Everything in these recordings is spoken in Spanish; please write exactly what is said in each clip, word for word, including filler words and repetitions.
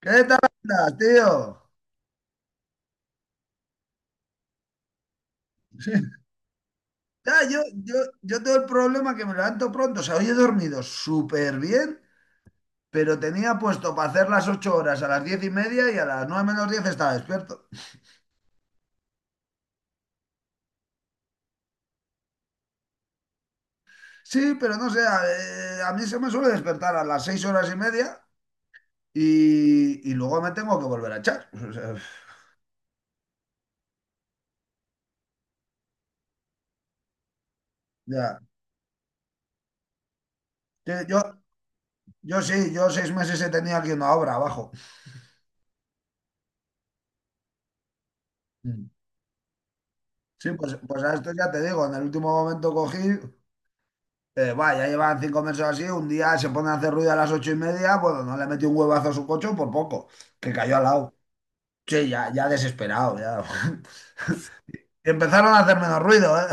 ¿Qué tal andas, tío? Ya, yo, yo, yo tengo el problema que me levanto pronto. O sea, hoy he dormido súper bien, pero tenía puesto para hacer las ocho horas a las diez y media y a las nueve menos diez estaba despierto. Sí, pero no sé, a, eh, a mí se me suele despertar a las seis horas y media y, y luego me tengo que volver a echar. O sea, ya. Sí, Yo, yo sí, yo seis meses he tenido aquí una obra abajo. Mm. Sí, pues, pues a esto ya te digo, en el último momento cogí. Eh, va, ya llevan cinco meses así. Un día se pone a hacer ruido a las ocho y media, bueno, no le metió un huevazo a su coche por poco, que cayó al lado. Sí, ya, ya desesperado, ya. Empezaron a hacer menos ruido, ¿eh?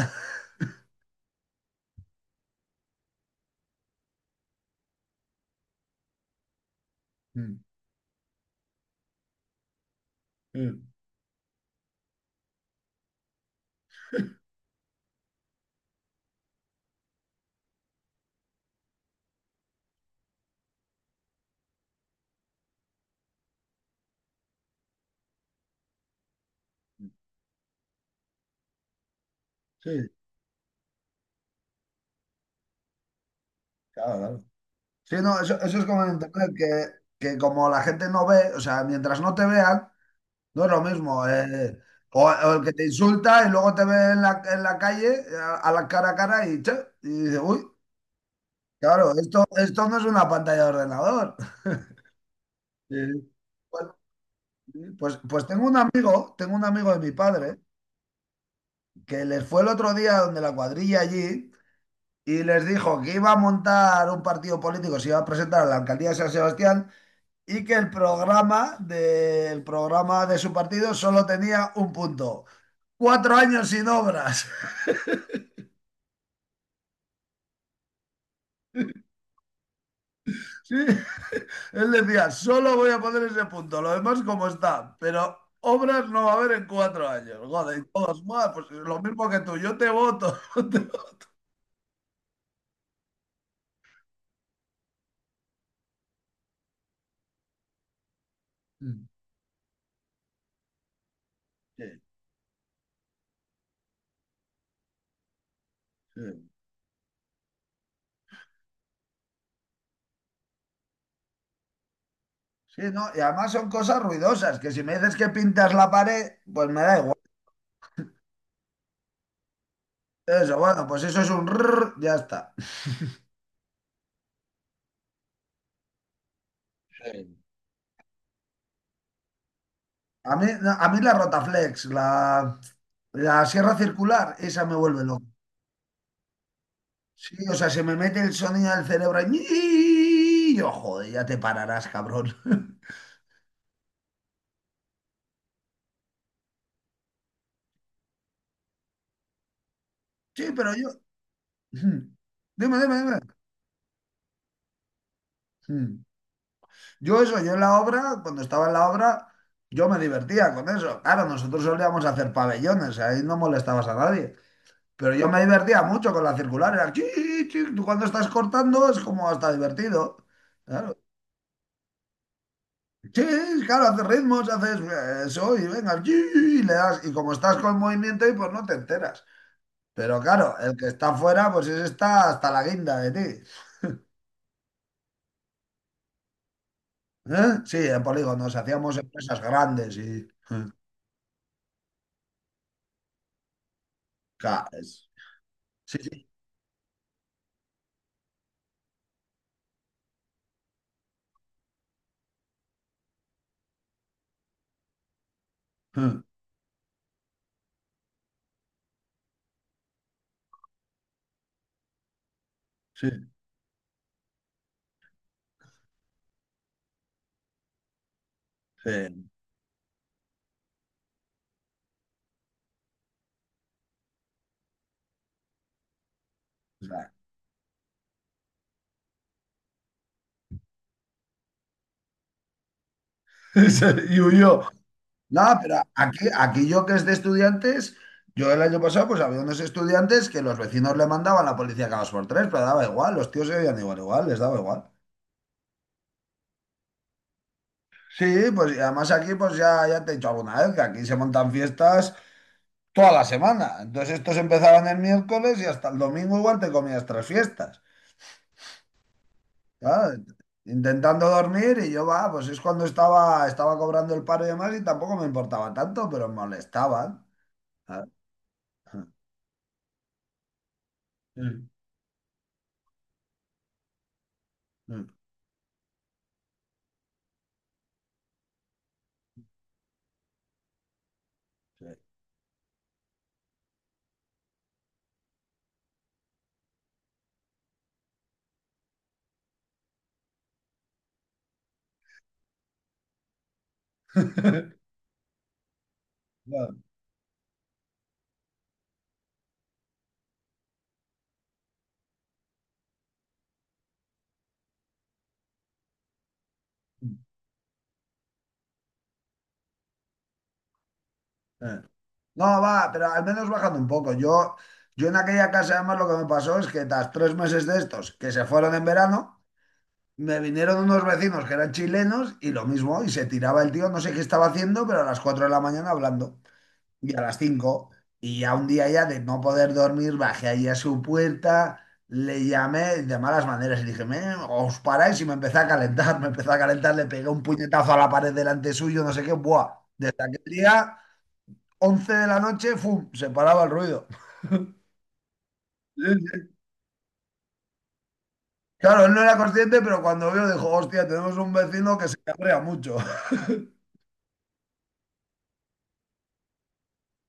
Mm. Sí, sí, claro, claro. Sí, no, eso, eso es como en internet, que, que, como la gente no ve, o sea, mientras no te vean, no es lo mismo. eh. o, o, el que te insulta y luego te ve en la, en la calle, a, a la cara a cara y, che, y dice, uy, claro, esto, esto no es una pantalla de ordenador. Sí. Pues, pues tengo un amigo, tengo un amigo de mi padre, que les fue el otro día donde la cuadrilla allí y les dijo que iba a montar un partido político, se iba a presentar a la alcaldía de San Sebastián, y que el programa de, el programa de su partido solo tenía un punto. Cuatro años sin obras. Sí. Él decía: «Solo voy a poner ese punto, lo demás como está, pero obras no va a haber en cuatro años». Joder, y todos: «Buah, pues lo mismo que tú, yo te voto». Sí, sí. Sí, no, y además son cosas ruidosas, que si me dices que pintas la pared, pues me da igual. Eso, bueno, pues eso es un rrr, ya está. Sí. A mí, no, a mí la Rotaflex, la, la sierra circular, esa me vuelve loco. Sí, o sea, se me mete el sonido del cerebro y yo, joder, ya te pararás, cabrón. Sí, pero yo... Mm. Dime, dime, dime. Mm. Yo eso, yo en la obra, cuando estaba en la obra, yo me divertía con eso. Claro, nosotros solíamos hacer pabellones, ahí no molestabas a nadie. Pero yo me divertía mucho con la circular. Era chi, chi, tú cuando estás cortando es como hasta divertido. Claro, chi, claro, haces ritmos, haces eh, eso y venga, chi, y le das. Y como estás con movimiento y pues no te enteras. Pero claro, el que está fuera, pues ese está hasta la guinda de ti. ¿Eh? Sí, en polígonos hacíamos empresas grandes y... Claro, es- sí, sí, eh, sí, sí. O sea, y huyó. No, pero aquí, aquí, yo que es de estudiantes, yo el año pasado pues había unos estudiantes que los vecinos le mandaban a la policía cada dos por tres, pero daba igual, los tíos se veían igual, igual, les daba igual. Sí, pues y además aquí pues ya, ya te he dicho alguna vez que aquí se montan fiestas toda la semana. Entonces estos empezaban el miércoles y hasta el domingo igual te comías tres fiestas. ¿Sabes? Intentando dormir y yo va, pues es cuando estaba, estaba, cobrando el paro y demás y tampoco me importaba tanto, pero me molestaban. ¿Sabes? Sí, sí, sí. Claro. Eh. No, va, pero al menos bajando un poco. Yo, yo en aquella casa, además, lo que me pasó es que tras tres meses de estos, que se fueron en verano, me vinieron unos vecinos que eran chilenos y lo mismo, y se tiraba el tío, no sé qué estaba haciendo, pero a las cuatro de la mañana hablando, y a las cinco, y ya un día ya de no poder dormir, bajé ahí a su puerta, le llamé de malas maneras y dije: "Me, os paráis», y me empecé a calentar. Me empecé a calentar, le pegué un puñetazo a la pared delante suyo, no sé qué, buah. Desde aquel día, once de la noche, ¡fum!, se paraba el ruido. Sí, sí. Claro, él no era consciente, pero cuando vio dijo: «Hostia, tenemos un vecino que se cabrea mucho».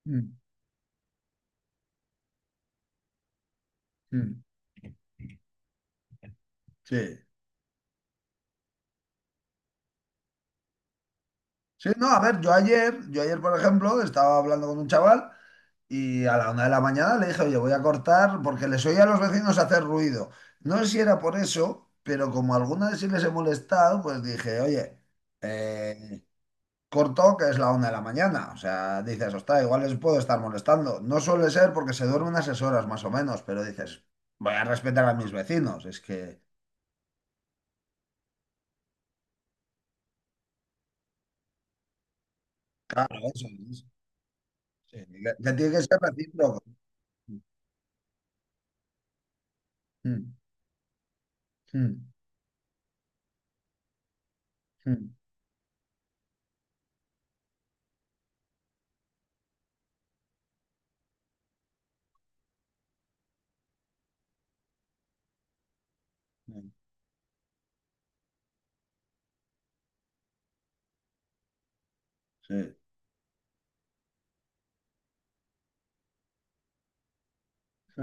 Mm, mm. Sí. Sí, no, a ver, yo ayer, yo ayer, por ejemplo, estaba hablando con un chaval y a la una de la mañana le dije: «Oye, voy a cortar», porque les oía a los vecinos hacer ruido. No sé si era por eso, pero como alguna vez sí les he molestado, pues dije: «Oye, eh, corto, que es la una de la mañana». O sea, dices, ostras, igual les puedo estar molestando. No suele ser, porque se duerme unas seis horas más o menos, pero dices, voy a respetar a mis vecinos. Es que, claro, eso es. Sí, que, que tiene que ser recíproco. Mm, mm, mm, mm. Sí. Sí.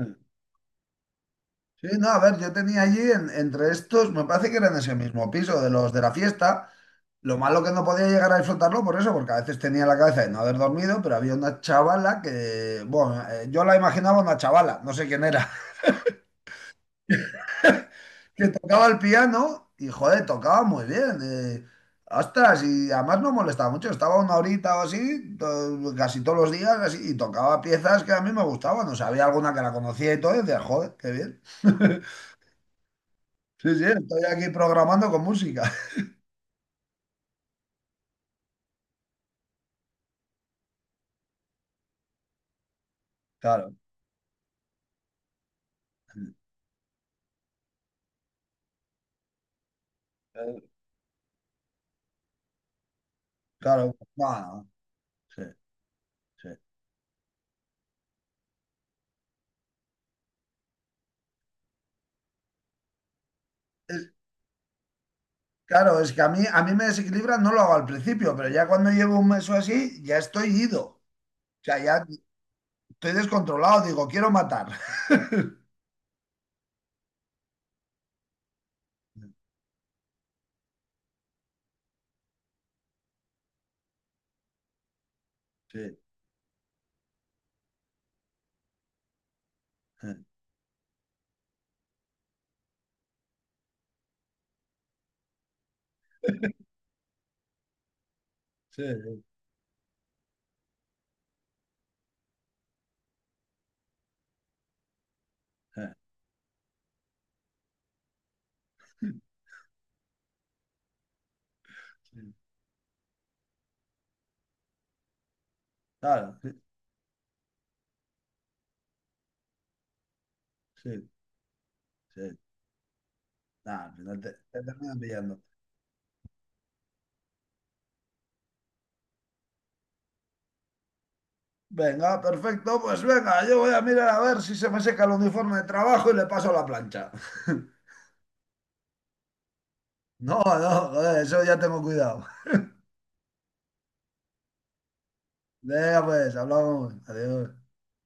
Sí, no, a ver, yo tenía allí en- entre estos, me parece que eran ese mismo piso de los de la fiesta. Lo malo que no podía llegar a disfrutarlo por eso, porque a veces tenía la cabeza de no haber dormido, pero había una chavala que, bueno, eh, yo la imaginaba una chavala, no sé quién era, que tocaba el piano y, joder, tocaba muy bien. Eh, ostras, y además no molestaba mucho, estaba una horita o así, to- casi todos los días, así, y tocaba piezas que a mí me gustaban, o sea, había alguna que la conocía y todo, y decía, joder, qué bien. Sí, sí, estoy aquí programando con música. Claro, eh, claro, bueno, sí, sí. Es- claro, es que a mí, a mí, me desequilibra, no lo hago al principio, pero ya cuando llevo un mes o así, ya estoy ido. O sea, ya estoy descontrolado, digo, quiero matar. Sí, eh, sí, sí, eh, sí, claro, sí, sí, sí. Nah, al final te, te, terminan pillando. Venga, perfecto, pues venga, yo voy a mirar a ver si se me seca el uniforme de trabajo y le paso la plancha. No, no, joder, eso ya tengo cuidado. Venga, pues hablamos. Adiós.